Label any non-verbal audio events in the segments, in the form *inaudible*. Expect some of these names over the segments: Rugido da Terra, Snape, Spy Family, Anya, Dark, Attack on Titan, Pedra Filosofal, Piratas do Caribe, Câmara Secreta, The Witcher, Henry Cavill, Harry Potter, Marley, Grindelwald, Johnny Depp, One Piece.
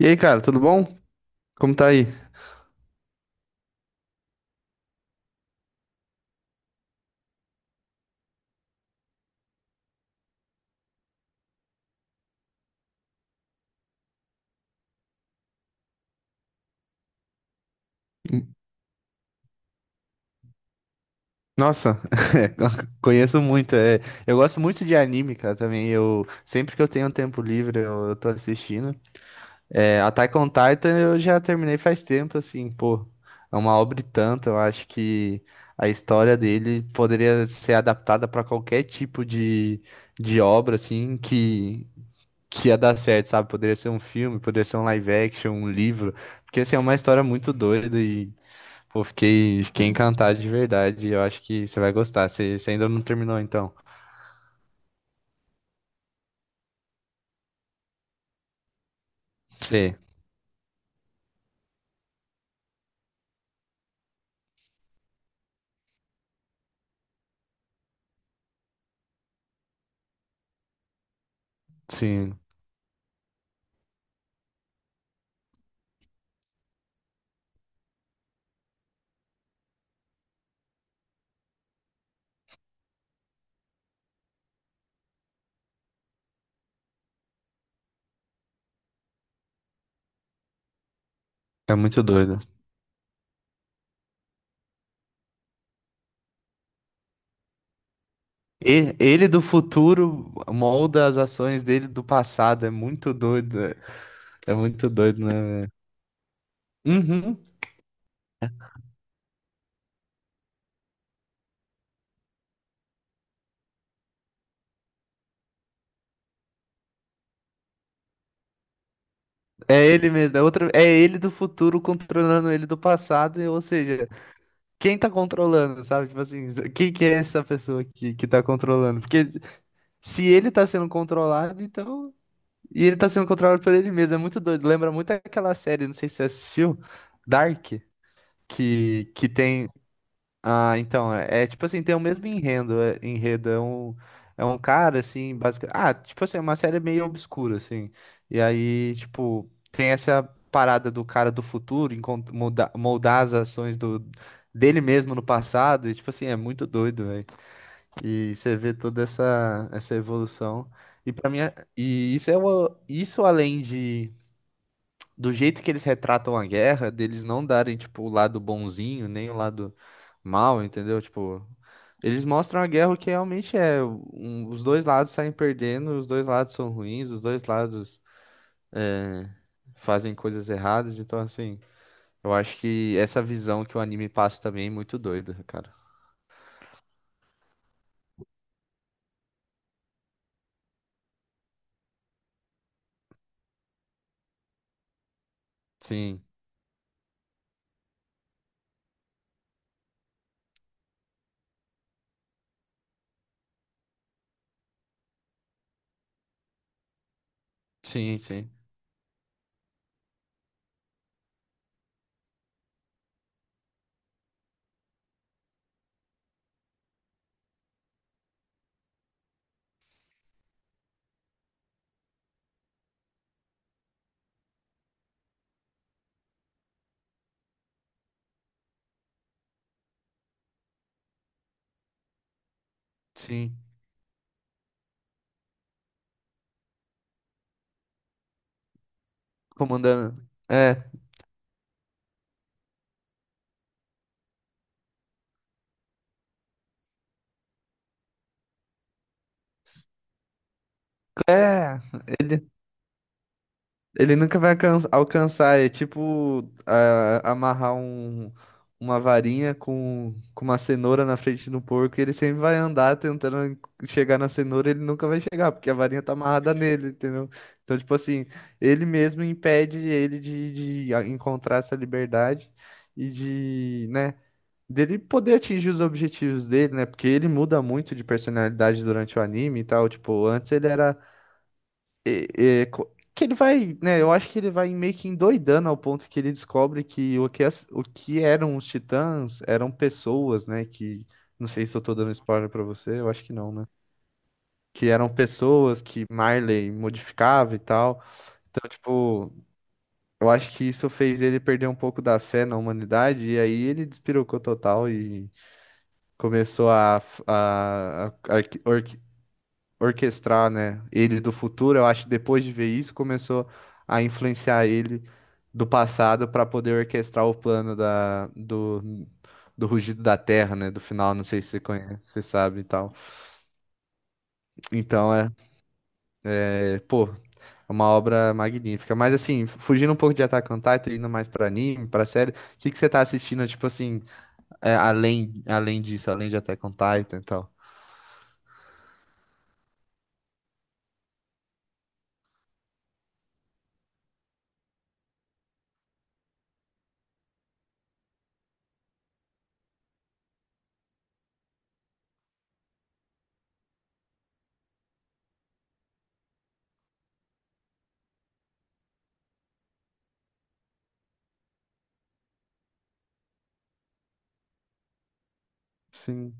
E aí, cara, tudo bom? Como tá aí? Nossa, *laughs* conheço muito. É. Eu gosto muito de anime, cara, também. Eu sempre que eu tenho um tempo livre, eu tô assistindo. É, Attack on Titan eu já terminei faz tempo, assim, pô. É uma obra e tanto. Eu acho que a história dele poderia ser adaptada pra qualquer tipo de obra, assim, que ia dar certo, sabe? Poderia ser um filme, poderia ser um live action, um livro. Porque, assim, é uma história muito doida. E pô, fiquei encantado de verdade. Eu acho que você vai gostar. Você ainda não terminou, então. Você, sim, é muito doido. Ele do futuro molda as ações dele do passado. É muito doido. É, é muito doido, né? Uhum. É ele mesmo. É outra, é ele do futuro controlando ele do passado. Ou seja, quem tá controlando, sabe? Tipo assim, quem que é essa pessoa que tá controlando? Porque se ele tá sendo controlado, então. E ele tá sendo controlado por ele mesmo. É muito doido. Lembra muito aquela série, não sei se você assistiu, Dark, que tem. Ah, então, é tipo assim, tem o mesmo enredo. É, enredo é um cara, assim, basicamente. Ah, tipo assim, é uma série meio obscura, assim. E aí, tipo, tem essa parada do cara do futuro moldar as ações dele mesmo no passado. E, tipo assim, é muito doido, velho. E você vê toda essa evolução. E para mim, e isso é o, isso além de do jeito que eles retratam a guerra, deles não darem tipo o lado bonzinho, nem o lado mal, entendeu? Tipo, eles mostram a guerra o que realmente é, os dois lados saem perdendo, os dois lados são ruins, os dois lados é, fazem coisas erradas, então assim, eu acho que essa visão que o anime passa também é muito doida, cara. Sim, sim, sim. Sim. Comandando. É, é, ele, ele nunca vai alcançar. É tipo amarrar um, uma varinha com uma cenoura na frente do porco e ele sempre vai andar tentando chegar na cenoura, ele nunca vai chegar, porque a varinha tá amarrada nele, entendeu? Então, tipo assim, ele mesmo impede ele de, encontrar essa liberdade e de, né, dele poder atingir os objetivos dele, né? Porque ele muda muito de personalidade durante o anime e tal. Tipo, antes ele era. é- é, co- que ele vai, né? Eu acho que ele vai meio que endoidando ao ponto que ele descobre que o que eram os titãs eram pessoas, né? Que não sei se eu tô dando spoiler pra você, eu acho que não, né? Que eram pessoas que Marley modificava e tal. Então, tipo, eu acho que isso fez ele perder um pouco da fé na humanidade, e aí ele despirocou total e começou a arqui- orquestrar, né, ele do futuro, eu acho que depois de ver isso começou a influenciar ele do passado para poder orquestrar o plano do Rugido da Terra, né, do final, não sei se você conhece, você sabe e tal. Então é, é, pô, é uma obra magnífica. Mas assim, fugindo um pouco de Attack on Titan, indo mais para anime, para série, o que que você tá assistindo, tipo assim, é, além disso, além de Attack on Titan e tal? Sim.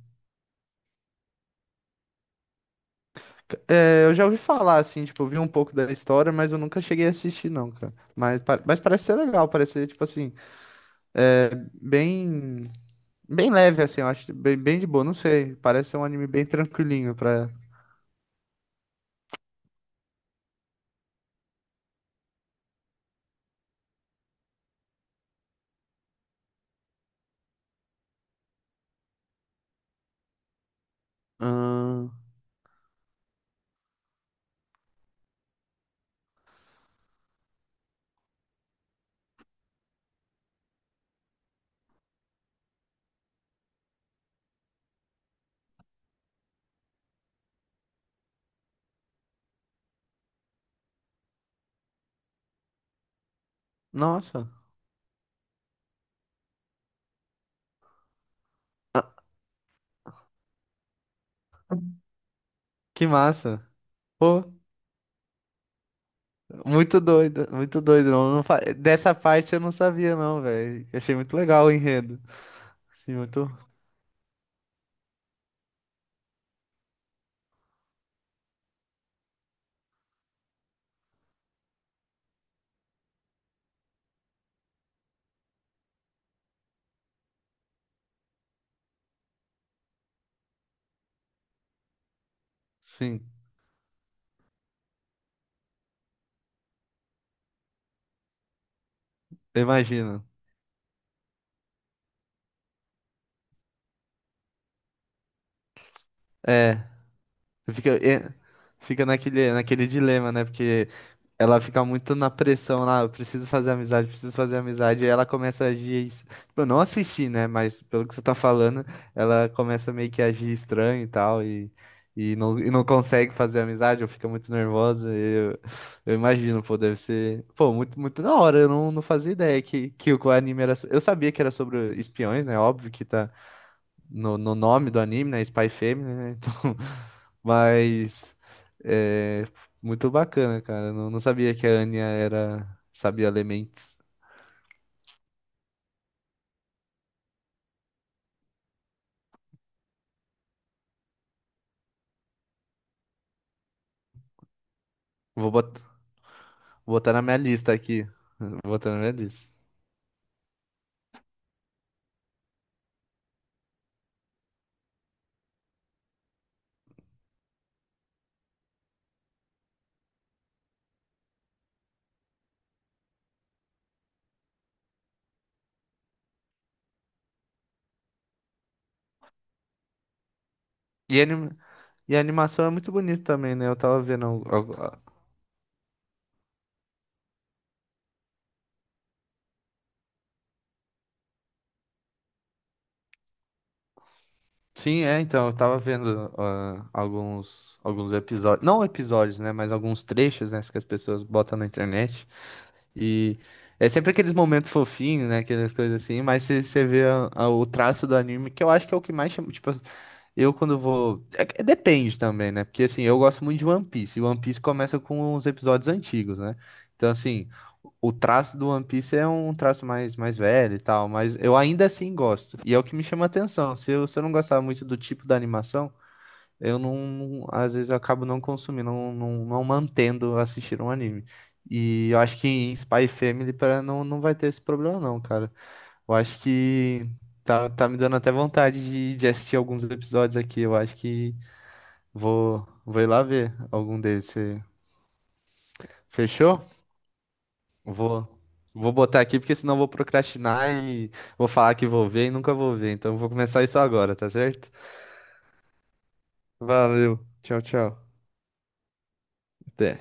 É, eu já ouvi falar, assim, tipo, eu vi um pouco da história, mas eu nunca cheguei a assistir, não, cara. Mas parece ser legal, parece ser, tipo assim, é, bem leve, assim, eu acho, bem de boa, não sei. Parece ser um anime bem tranquilinho pra... Ahn, nossa, que massa. Pô, muito doido, muito doido. Não, não fa- Dessa parte eu não sabia, não, velho. Eu achei muito legal o enredo. Sim, muito... Sim, imagina. É, fica... é, fica naquele, naquele dilema, né? Porque ela fica muito na pressão lá, eu preciso fazer amizade, e ela começa a agir. Tipo, eu não assisti, né? Mas pelo que você tá falando, ela começa meio que a agir estranho e tal, e não consegue fazer amizade, ou fica muito nervosa. Eu imagino, pô, deve ser. Pô, muito, muito da hora, eu não, não fazia ideia que o anime era. Eu sabia que era sobre espiões, né? Óbvio que tá no nome do anime, né? Spy Family, né? *laughs* Então, mas é muito bacana, cara. Eu não, não sabia que a Anya era, sabia ler mentes. Vou bot- Vou botar na minha lista aqui. Vou botar na minha lista. E, anim- e a animação é muito bonita também, né? Eu tava vendo. Al- Sim, é, então, eu tava vendo ah, alguns episódios. Não episódios, né? Mas alguns trechos, né? Que as pessoas botam na internet. E é sempre aqueles momentos fofinhos, né? Aquelas coisas assim, mas se você vê o traço do anime, que eu acho que é o que mais chama. Tipo, eu quando vou. Depende também, né? Porque assim, eu gosto muito de One Piece. E One Piece começa com os episódios antigos, né? Então, assim, o traço do One Piece é um traço mais, mais velho e tal, mas eu ainda assim gosto. E é o que me chama a atenção. Se eu não gostar muito do tipo da animação eu não, às vezes eu acabo não consumindo, não, não, não mantendo assistir um anime. E eu acho que em Spy Family pra, não, não vai ter esse problema não, cara. Eu acho que tá me dando até vontade de assistir alguns episódios aqui. Eu acho que vou ir lá ver algum deles. Você fechou? Vou, Vou botar aqui porque senão eu vou procrastinar e vou falar que vou ver e nunca vou ver. Então eu vou começar isso agora, tá certo? Valeu. Tchau, tchau. Até.